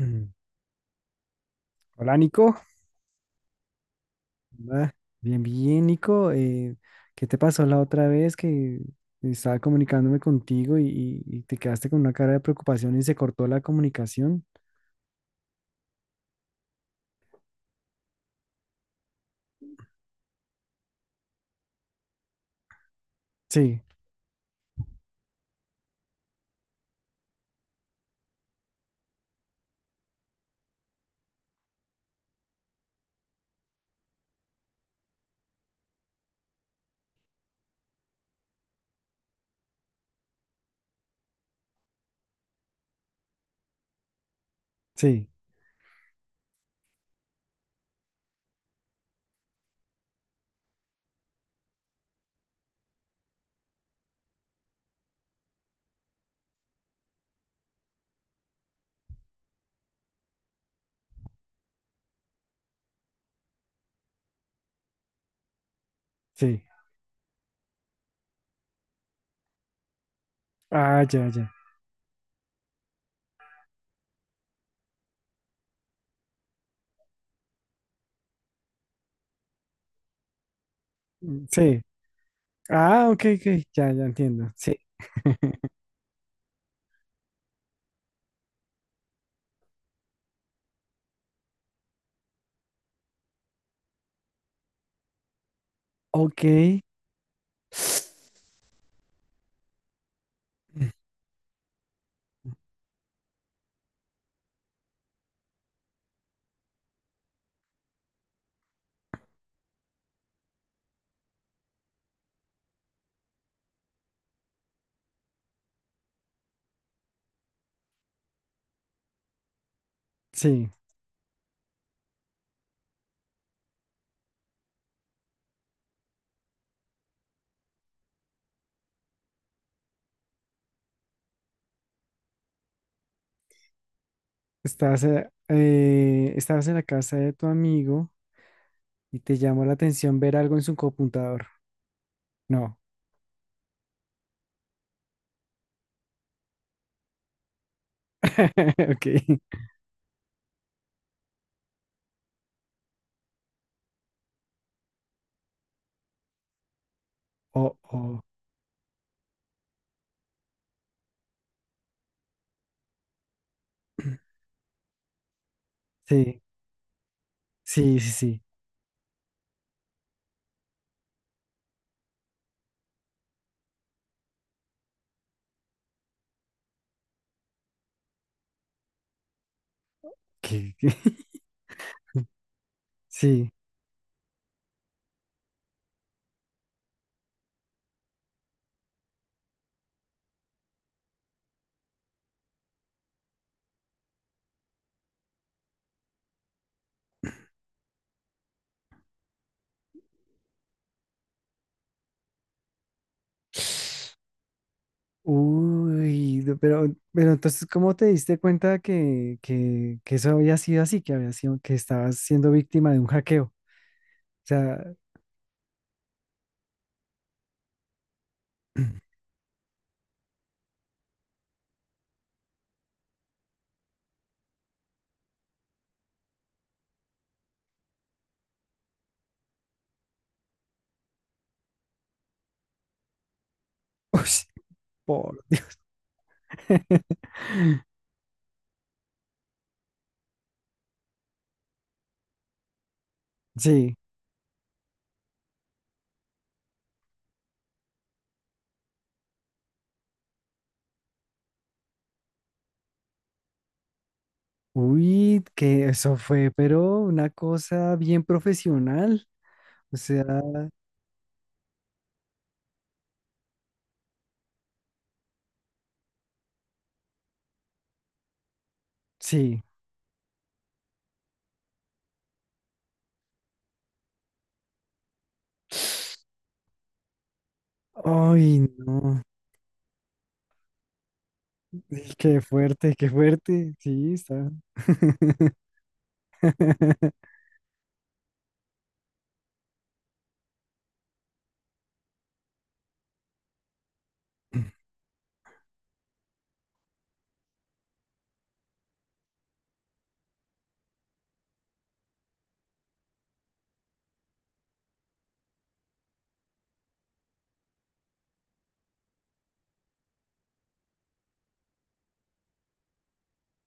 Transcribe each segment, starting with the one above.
Mm. Hola Nico. Ah, Bien, bien Nico, ¿qué te pasó la otra vez que estaba comunicándome contigo y te quedaste con una cara de preocupación y se cortó la comunicación? Sí, sí, sí. Ah, ya, ya. Mm, sí. Ah, ok, ok, ya, ya entiendo. Sí, ok. Mm, sí, estabas estabas en la casa de tu amigo y te llamó la atención ver algo en su computador. No. Ok. Oh, oh. Sí. Sí, sí, sí. ¿Qué? Sí. Uy, no, pero entonces, ¿cómo te diste cuenta que eso había sido así, que había sido, que estabas siendo víctima de un hackeo? O sea, uy, por Dios. Sí. Uy, que eso fue, pero una cosa bien profesional. O sea, sí. Ay, no. Qué fuerte, qué fuerte. Sí, está.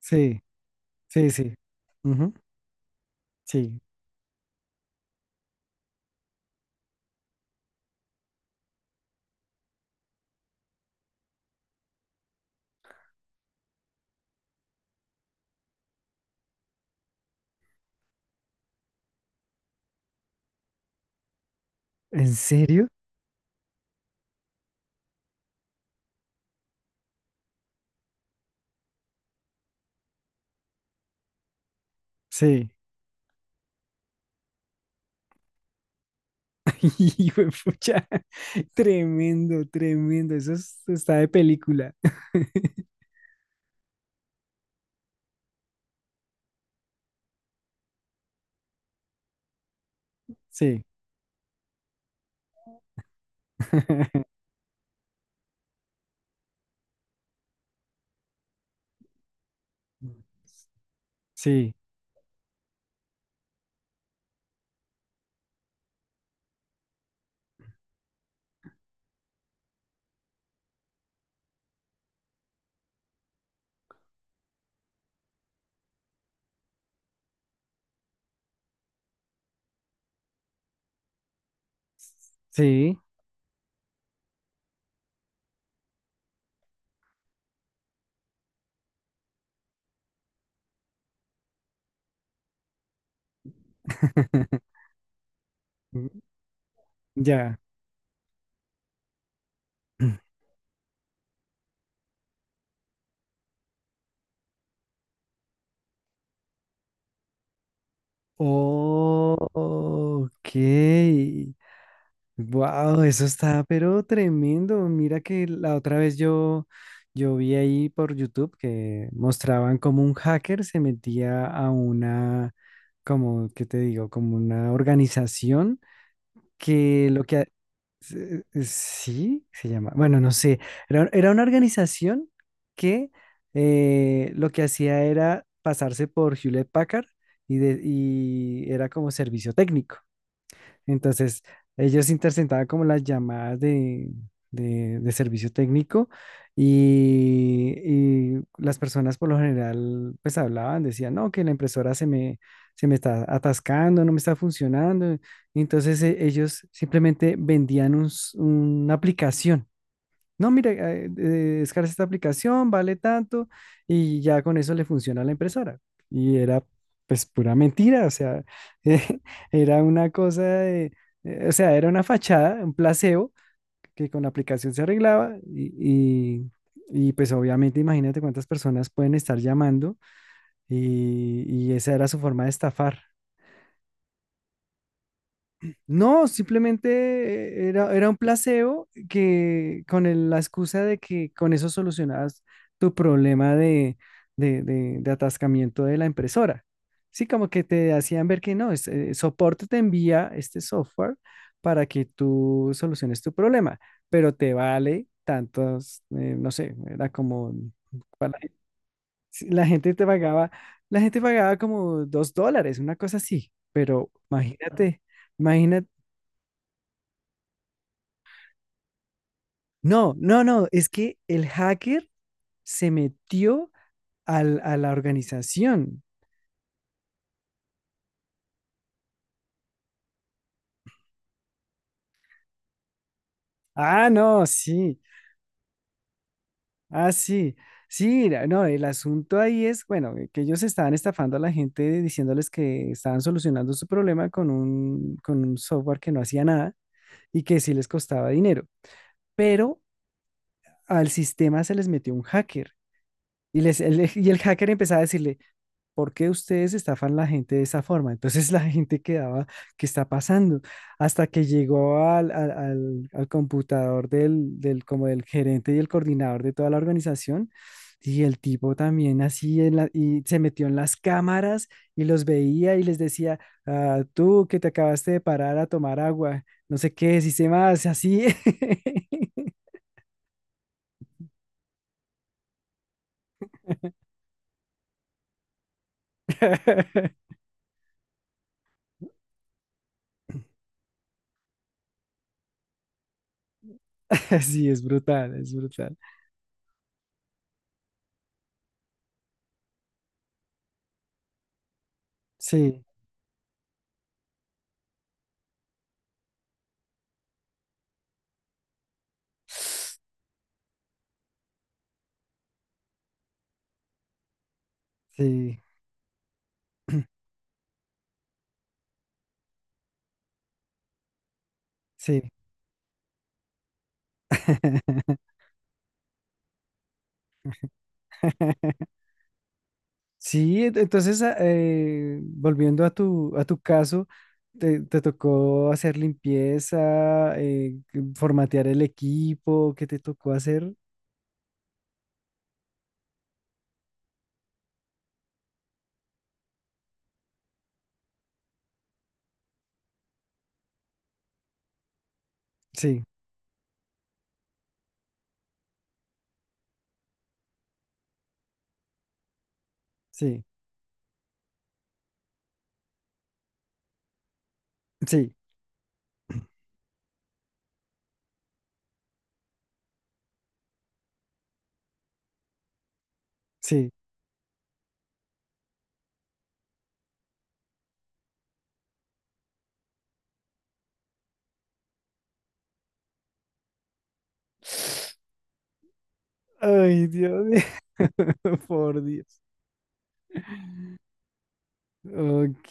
Sí. Sí, sí. Ujú, sí. ¿En serio? Sí. Hijo de pucha. Tremendo, tremendo. Está de película. Sí. Sí. Sí. Ya. Oh, ok. Wow, eso está, pero tremendo. Mira que la otra vez yo vi ahí por YouTube que mostraban como un hacker se metía a una, como, ¿qué te digo? Como una organización que lo que... sí, se llama. Bueno, no sé. Era, era una organización que lo que hacía era pasarse por Hewlett Packard y, y era como servicio técnico. Entonces, ellos interceptaban como las llamadas de, de servicio técnico y, y las personas por lo general pues hablaban, decían, no, que la impresora se me está atascando, no me está funcionando. Entonces, ellos simplemente vendían una aplicación, no, mira, descarga esta aplicación, vale tanto, y ya con eso le funciona a la impresora. Y era pues pura mentira, o sea, eh, era una cosa de, o sea, era una fachada, un placebo que con la aplicación se arreglaba y pues obviamente imagínate cuántas personas pueden estar llamando y, y esa era su forma de estafar. No, simplemente era, era un placebo que con la excusa de que con eso solucionabas tu problema de, de atascamiento de la impresora. Sí, como que te hacían ver que no, soporte te envía este software para que tú soluciones tu problema, pero te vale tantos, no sé, era como, para- sí, la gente te pagaba, la gente pagaba como $2, una cosa así, pero imagínate. Imagina. No, no, no, es que el hacker se metió a la organización. Ah, no, sí, ah, sí, sí, no, el asunto ahí es, bueno, que ellos estaban estafando a la gente diciéndoles que estaban solucionando su problema con un software que no hacía nada y que sí les costaba dinero, pero al sistema se les metió un hacker y, les, y el hacker empezaba a decirle, ¿por qué ustedes estafan a la gente de esa forma? Entonces la gente quedaba, ¿qué está pasando? Hasta que llegó al, al computador del, del, como del gerente y el coordinador de toda la organización. Y el tipo también así en y se metió en las cámaras y los veía y les decía, "Ah, tú que te acabaste de parar a tomar agua, no sé qué, si se más, así. Sí, es brutal, es brutal. Sí, sí, sí. Sí, entonces, volviendo a tu caso, te tocó hacer limpieza, formatear el equipo, ¿qué te tocó hacer? Sí, sí, sí, sí. Ay, Dios mío, por Dios. Ok,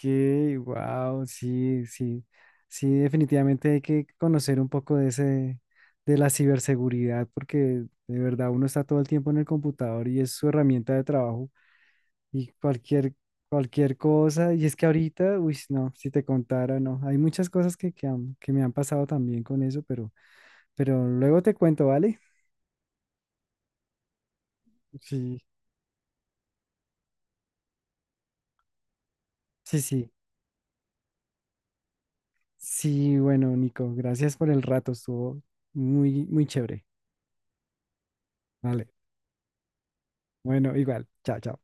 wow, sí, sí, sí, definitivamente hay que conocer un poco de ese, de la ciberseguridad, porque de verdad uno está todo el tiempo en el computador y es su herramienta de trabajo. Y cualquier, cualquier cosa. Y es que ahorita, uy, no, si te contara, no. Hay muchas cosas que, que me han pasado también con eso, pero luego te cuento, ¿vale? Sí, sí, sí. Sí, bueno, Nico, gracias por el rato, estuvo muy, muy chévere. Vale, bueno, igual, chao, chao.